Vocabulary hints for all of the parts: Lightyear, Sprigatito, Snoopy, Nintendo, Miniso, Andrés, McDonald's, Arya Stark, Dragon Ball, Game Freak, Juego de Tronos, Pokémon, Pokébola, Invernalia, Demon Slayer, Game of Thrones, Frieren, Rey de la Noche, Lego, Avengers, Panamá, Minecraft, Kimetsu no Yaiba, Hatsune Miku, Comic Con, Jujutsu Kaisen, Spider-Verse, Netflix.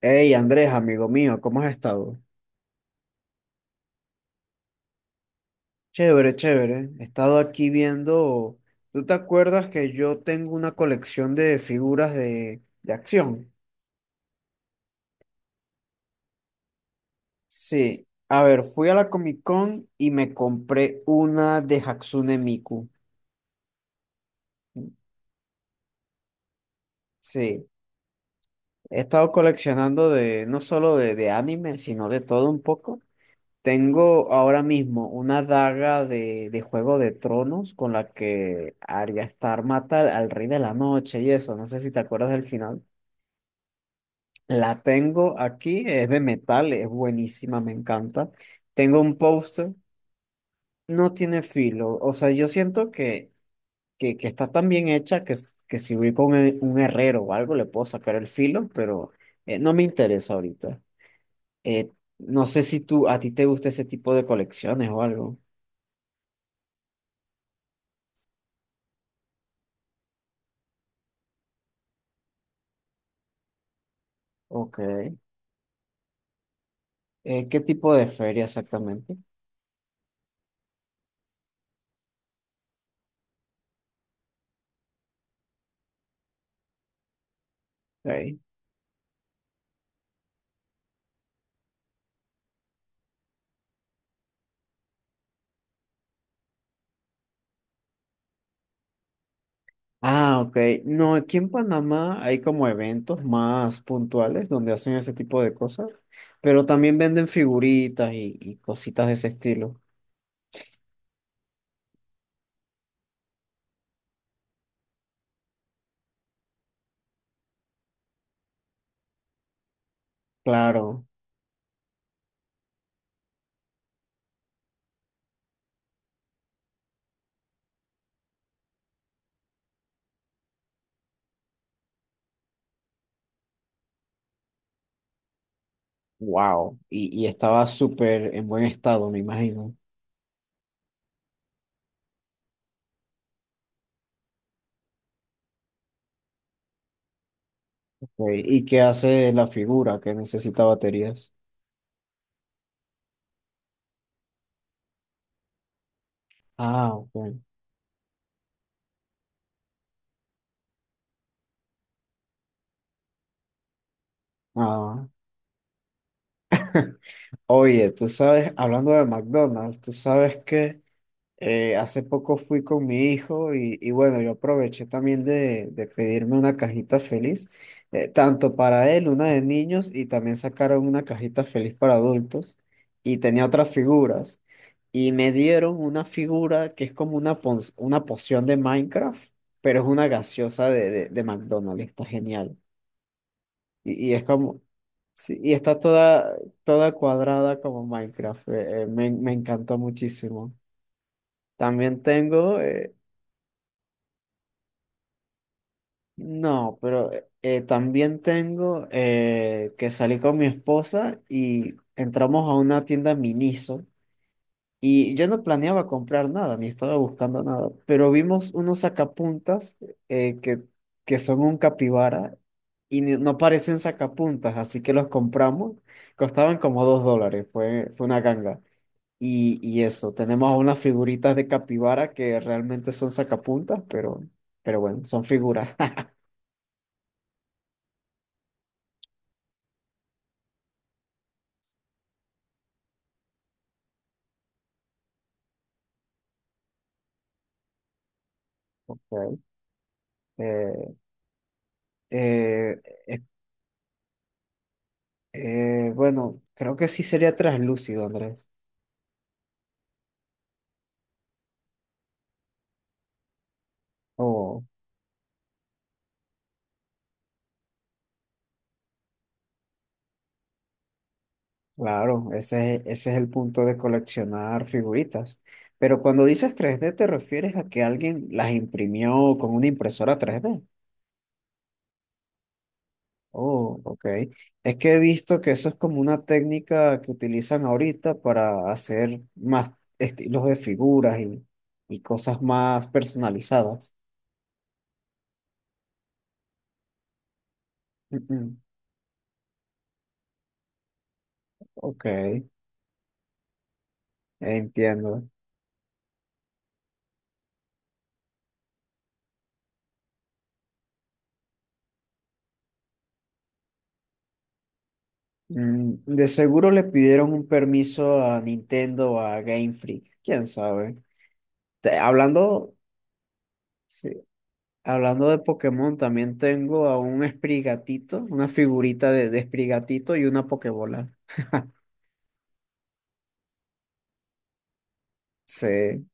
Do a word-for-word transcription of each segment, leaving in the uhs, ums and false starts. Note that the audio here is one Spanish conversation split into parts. Hey Andrés, amigo mío, ¿cómo has estado? Chévere, chévere. He estado aquí viendo. ¿Tú te acuerdas que yo tengo una colección de figuras de, de acción? Sí. A ver, fui a la Comic Con y me compré una de Hatsune Miku. Sí. He estado coleccionando de no solo de, de anime, sino de todo un poco. Tengo ahora mismo una daga de, de Juego de Tronos con la que Arya Stark mata al, al Rey de la Noche y eso, no sé si te acuerdas del final. La tengo aquí, es de metal, es buenísima, me encanta. Tengo un póster, no tiene filo, o sea, yo siento que, que, que está tan bien hecha que, s- que si voy con un un herrero o algo le puedo sacar el filo, pero eh, no me interesa ahorita. Eh, no sé si tú, a ti te gusta ese tipo de colecciones o algo. Ok. Eh, ¿qué tipo de feria exactamente? Ok. Ah, ok. No, aquí en Panamá hay como eventos más puntuales donde hacen ese tipo de cosas, pero también venden figuritas y, y cositas de ese estilo. Claro, wow. Y, y estaba súper en buen estado, me imagino. Ok, ¿y qué hace la figura que necesita baterías? Ah, ok. Ah. Oye, tú sabes, hablando de McDonald's, tú sabes que... Eh, hace poco fui con mi hijo y, y bueno, yo aproveché también de, de pedirme una cajita feliz, eh, tanto para él, una de niños, y también sacaron una cajita feliz para adultos y tenía otras figuras. Y me dieron una figura que es como una, pon- una poción de Minecraft, pero es una gaseosa de, de, de McDonald's, está genial. Y, y es como, sí, y está toda, toda cuadrada como Minecraft, eh, eh, me, me encantó muchísimo. También tengo, eh, no, pero eh, también tengo eh, que salí con mi esposa y entramos a una tienda Miniso y yo no planeaba comprar nada, ni estaba buscando nada, pero vimos unos sacapuntas eh, que, que son un capibara y ni- no parecen sacapuntas, así que los compramos. Costaban como dos dólares, fue, fue una ganga. Y, y eso, tenemos unas figuritas de capibara que realmente son sacapuntas, pero, pero bueno, son figuras. Eh, eh, eh, eh, bueno, creo que sí sería traslúcido, Andrés. Oh, claro, ese es, ese es el punto de coleccionar figuritas. Pero cuando dices tres de, ¿te refieres a que alguien las imprimió con una impresora tres de? Oh, ok. Es que he visto que eso es como una técnica que utilizan ahorita para hacer más estilos de figuras y, y cosas más personalizadas. Mm, mm. Ok, entiendo. Mm, de seguro le pidieron un permiso a Nintendo o a Game Freak, quién sabe. Te- hablando, sí, hablando de Pokémon, también tengo a un Sprigatito, una figurita de, de Sprigatito y una Pokébola. Sí,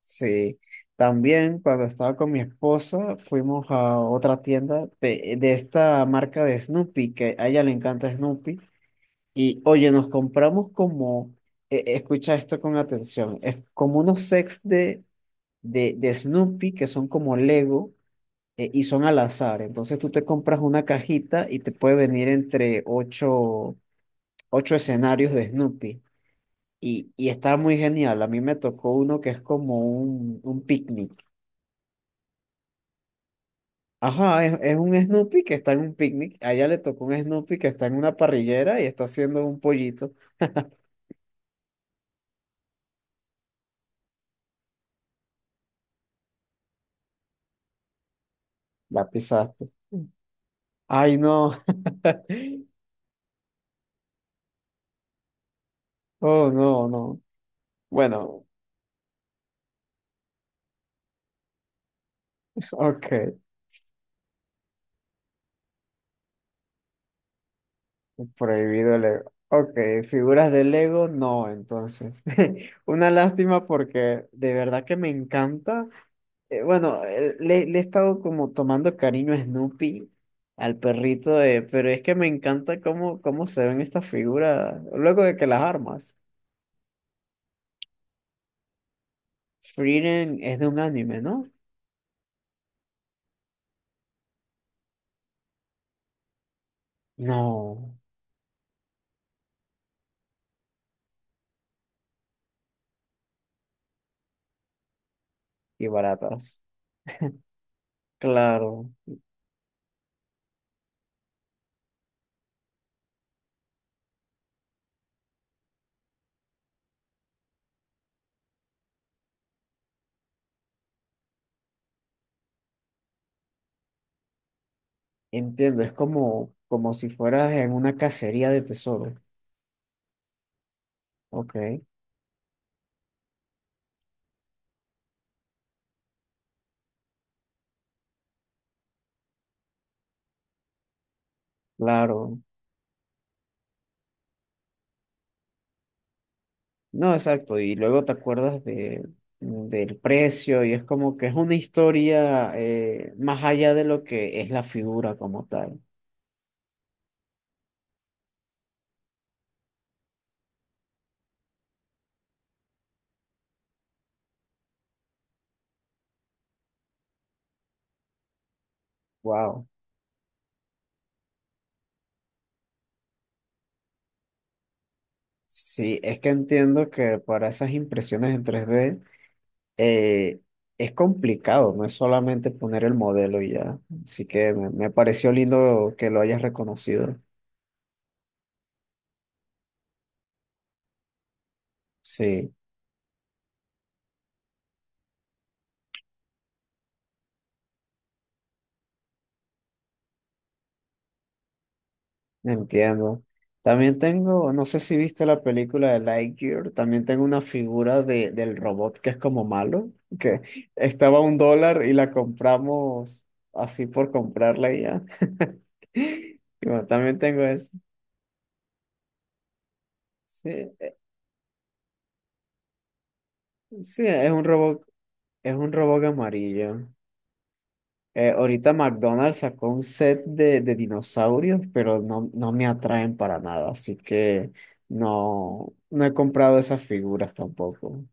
sí. También cuando estaba con mi esposa fuimos a otra tienda pe- de esta marca de Snoopy, que a ella le encanta Snoopy. Y oye, nos compramos como, e- escucha esto con atención, es como unos sets de de, de Snoopy que son como Lego eh, y son al azar. Entonces tú te compras una cajita y te puede venir entre ocho, ocho escenarios de Snoopy. Y, y está muy genial. A mí me tocó uno que es como un, un picnic. Ajá, es, es un Snoopy que está en un picnic. A ella le tocó un Snoopy que está en una parrillera y está haciendo un pollito. La pisaste. Ay, no. Oh, no, no. Bueno, ok. Prohibido Lego. Ok, figuras de Lego, no, entonces. Una lástima porque de verdad que me encanta. Eh, bueno, eh, le, le he estado como tomando cariño a Snoopy, al perrito, eh, pero es que me encanta cómo, cómo se ven estas figuras. Luego de que las armas. Frieren es de un anime, ¿no? No, y baratas. Claro, entiendo, es como, como si fueras en una cacería de tesoro. Ok, claro. No, exacto. Y luego te acuerdas de, del precio y es como que es una historia eh, más allá de lo que es la figura como tal. Wow. Sí, es que entiendo que para esas impresiones en tres de eh, es complicado, no es solamente poner el modelo y ya. Así que me, me pareció lindo que lo hayas reconocido. Sí. Entiendo. También tengo, no sé si viste la película de Lightyear, también tengo una figura de, del robot que es como malo, que estaba a un dólar y la compramos así por comprarla y ya. Y bueno, también tengo eso. Sí, sí, es un robot, es un robot amarillo. Eh, ahorita McDonald's sacó un set de, de dinosaurios, pero no, no me atraen para nada, así que no, no he comprado esas figuras tampoco.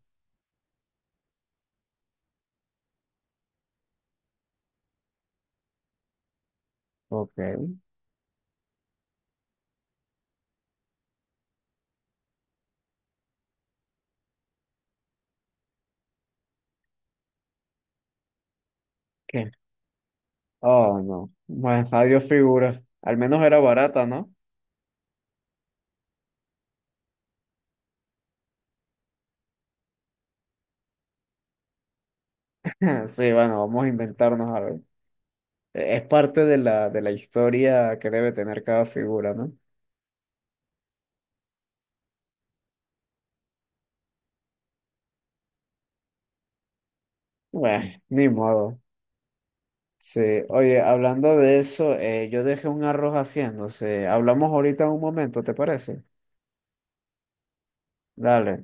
Ok. ¿Qué? Oh, no. Bueno, adiós figura. Al menos era barata, ¿no? Sí, bueno, vamos a inventarnos a ver. Eh, Es parte de la, de la historia que debe tener cada figura, ¿no? Bueno, ni modo. Sí, oye, hablando de eso, eh, yo dejé un arroz haciéndose. Hablamos ahorita un momento, ¿te parece? Dale.